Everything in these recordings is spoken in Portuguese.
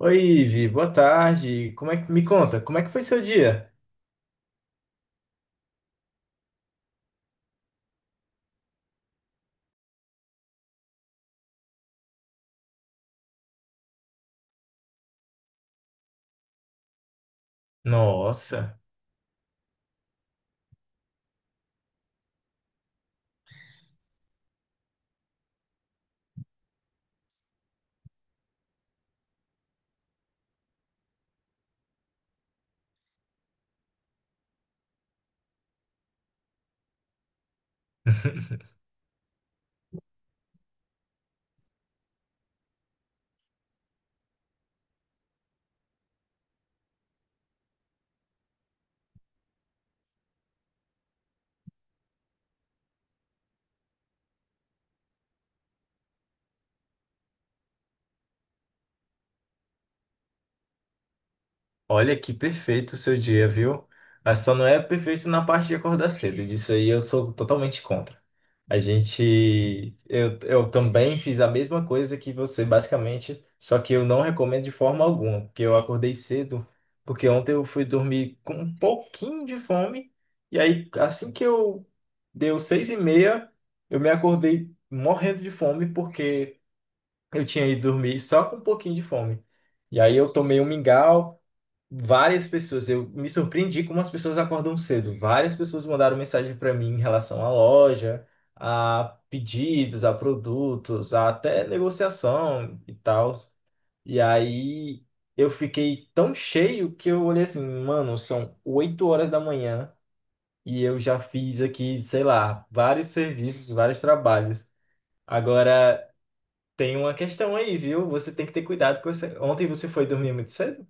Oi, Ivi, boa tarde. Como é que me conta? Como é que foi seu dia? Nossa. Olha que perfeito o seu dia, viu? Mas só não é perfeito na parte de acordar cedo. Disso aí eu sou totalmente contra. A gente. Eu também fiz a mesma coisa que você, basicamente. Só que eu não recomendo de forma alguma. Porque eu acordei cedo. Porque ontem eu fui dormir com um pouquinho de fome. E aí, assim que eu deu 6h30, eu me acordei morrendo de fome. Porque eu tinha ido dormir só com um pouquinho de fome. E aí eu tomei um mingau. Várias pessoas, eu me surpreendi como as pessoas acordam cedo. Várias pessoas mandaram mensagem para mim em relação à loja, a pedidos, a produtos, a até negociação e tal. E aí eu fiquei tão cheio que eu olhei assim, mano, são 8h da manhã e eu já fiz aqui, sei lá, vários serviços, vários trabalhos. Agora tem uma questão aí, viu? Você tem que ter cuidado com você. Ontem você foi dormir muito cedo?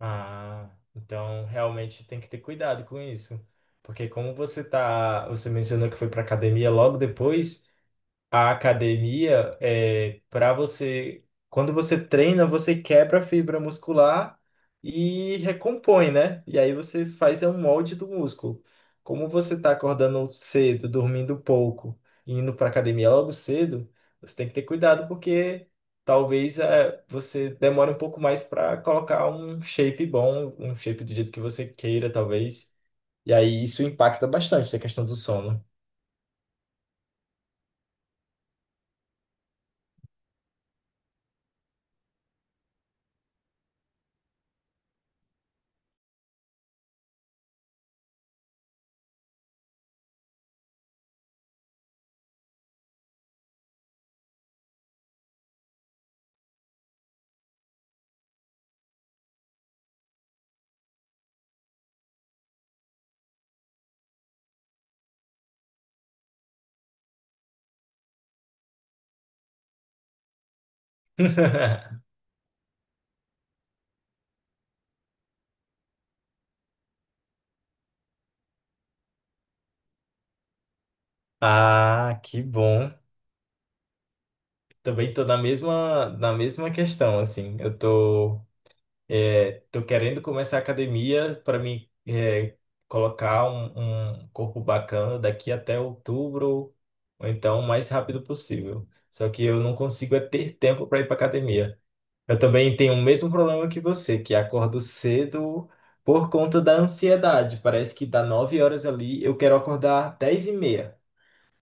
Ah, então realmente tem que ter cuidado com isso. Porque como você tá, você mencionou que foi para academia logo depois, a academia é para você, quando você treina, você quebra a fibra muscular e recompõe, né? E aí você faz é um molde do músculo. Como você está acordando cedo, dormindo pouco, e indo para academia logo cedo, você tem que ter cuidado porque talvez você demore um pouco mais para colocar um shape bom, um shape do jeito que você queira, talvez. E aí isso impacta bastante na questão do sono. Ah, que bom. Também tô na mesma questão, assim. Eu tô querendo começar a academia para me colocar um corpo bacana daqui até outubro, ou então o mais rápido possível. Só que eu não consigo é ter tempo para ir para academia. Eu também tenho o mesmo problema que você, que acordo cedo por conta da ansiedade. Parece que dá 9h ali, eu quero acordar 10h30.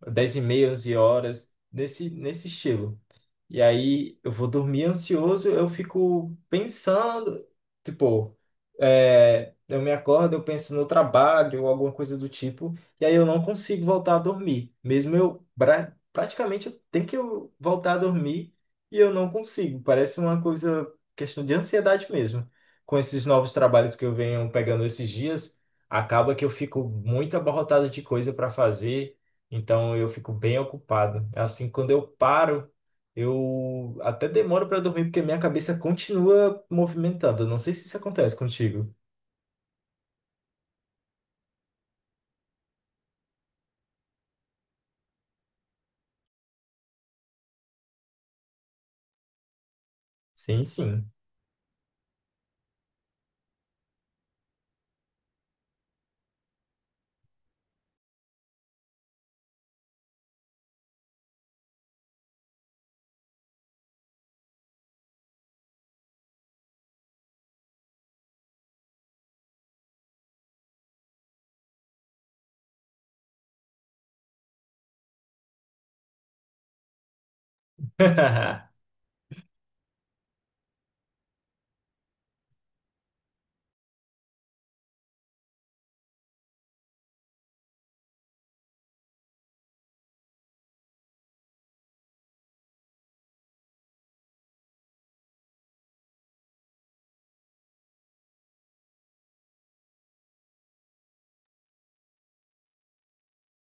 Dez e meia, 11h, nesse estilo. E aí eu vou dormir ansioso, eu fico pensando, tipo, eu me acordo, eu penso no trabalho ou alguma coisa do tipo, e aí eu não consigo voltar a dormir. Mesmo eu praticamente eu tenho que eu voltar a dormir e eu não consigo. Parece uma coisa, questão de ansiedade mesmo. Com esses novos trabalhos que eu venho pegando esses dias, acaba que eu fico muito abarrotado de coisa para fazer, então eu fico bem ocupado. É. Assim, quando eu paro eu até demoro para dormir porque minha cabeça continua movimentada. Eu não sei se isso acontece contigo. Sim, sim.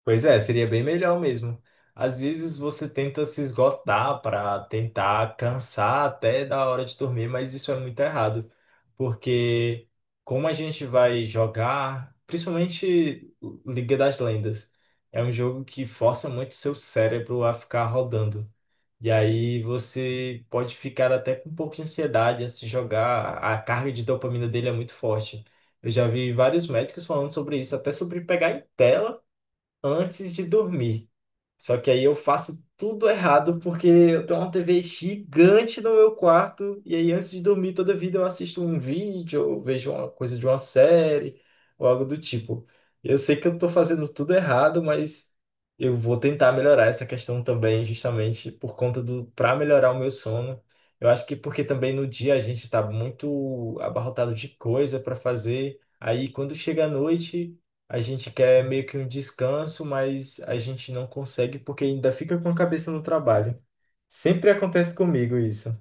Pois é, seria bem melhor mesmo. Às vezes você tenta se esgotar para tentar cansar até da hora de dormir, mas isso é muito errado, porque como a gente vai jogar, principalmente Liga das Lendas, é um jogo que força muito seu cérebro a ficar rodando. E aí você pode ficar até com um pouco de ansiedade antes de jogar. A carga de dopamina dele é muito forte. Eu já vi vários médicos falando sobre isso, até sobre pegar em tela antes de dormir. Só que aí eu faço tudo errado porque eu tenho uma TV gigante no meu quarto e aí antes de dormir toda vida eu assisto um vídeo ou vejo uma coisa de uma série ou algo do tipo. Eu sei que eu tô fazendo tudo errado, mas eu vou tentar melhorar essa questão também, justamente por conta do para melhorar o meu sono. Eu acho que porque também no dia a gente está muito abarrotado de coisa para fazer. Aí quando chega à noite a gente quer meio que um descanso, mas a gente não consegue porque ainda fica com a cabeça no trabalho. Sempre acontece comigo isso.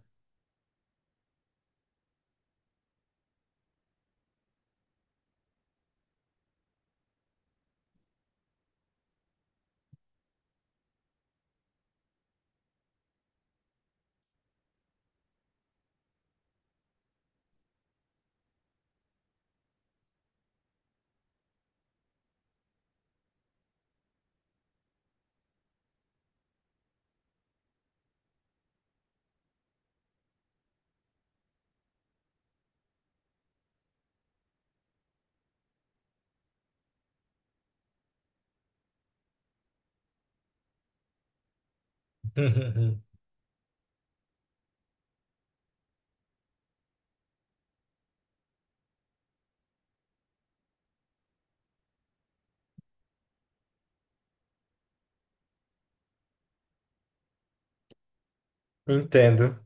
Entendo.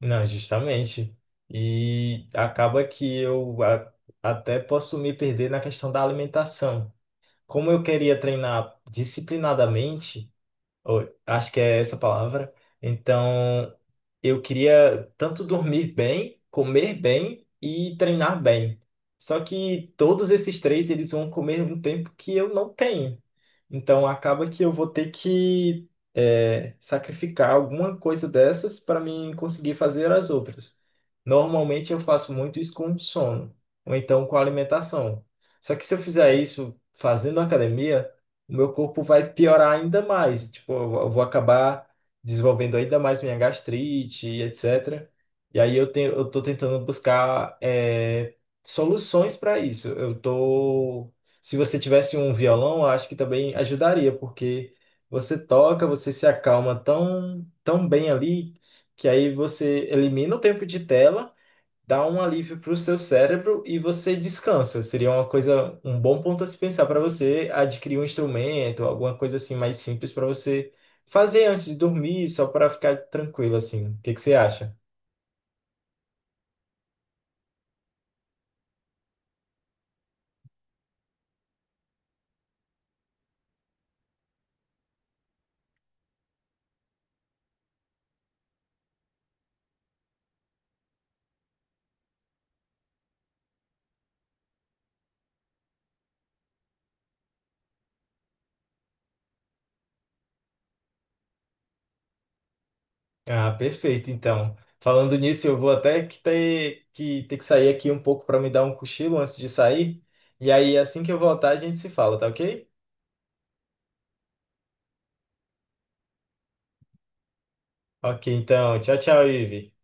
Não, justamente. E acaba que eu até posso me perder na questão da alimentação. Como eu queria treinar disciplinadamente, ou, acho que é essa a palavra, então eu queria tanto dormir bem, comer bem e treinar bem. Só que todos esses três eles vão comer um tempo que eu não tenho. Então acaba que eu vou ter que sacrificar alguma coisa dessas para mim conseguir fazer as outras. Normalmente eu faço muito isso com sono ou então com alimentação. Só que se eu fizer isso fazendo academia, o meu corpo vai piorar ainda mais. Tipo, eu vou acabar desenvolvendo ainda mais minha gastrite, e etc. E aí eu tenho, eu tô tentando buscar soluções para isso. Se você tivesse um violão, eu acho que também ajudaria, porque você toca, você se acalma tão, tão bem ali, que aí você elimina o tempo de tela dá um alívio para o seu cérebro e você descansa. Seria uma coisa, um bom ponto a se pensar para você adquirir um instrumento, alguma coisa assim mais simples para você fazer antes de dormir, só para ficar tranquilo assim. O que que você acha? Ah, perfeito. Então, falando nisso, eu vou até que ter que sair aqui um pouco para me dar um cochilo antes de sair. E aí, assim que eu voltar, a gente se fala, tá ok? Ok, então, tchau, tchau, Ivi.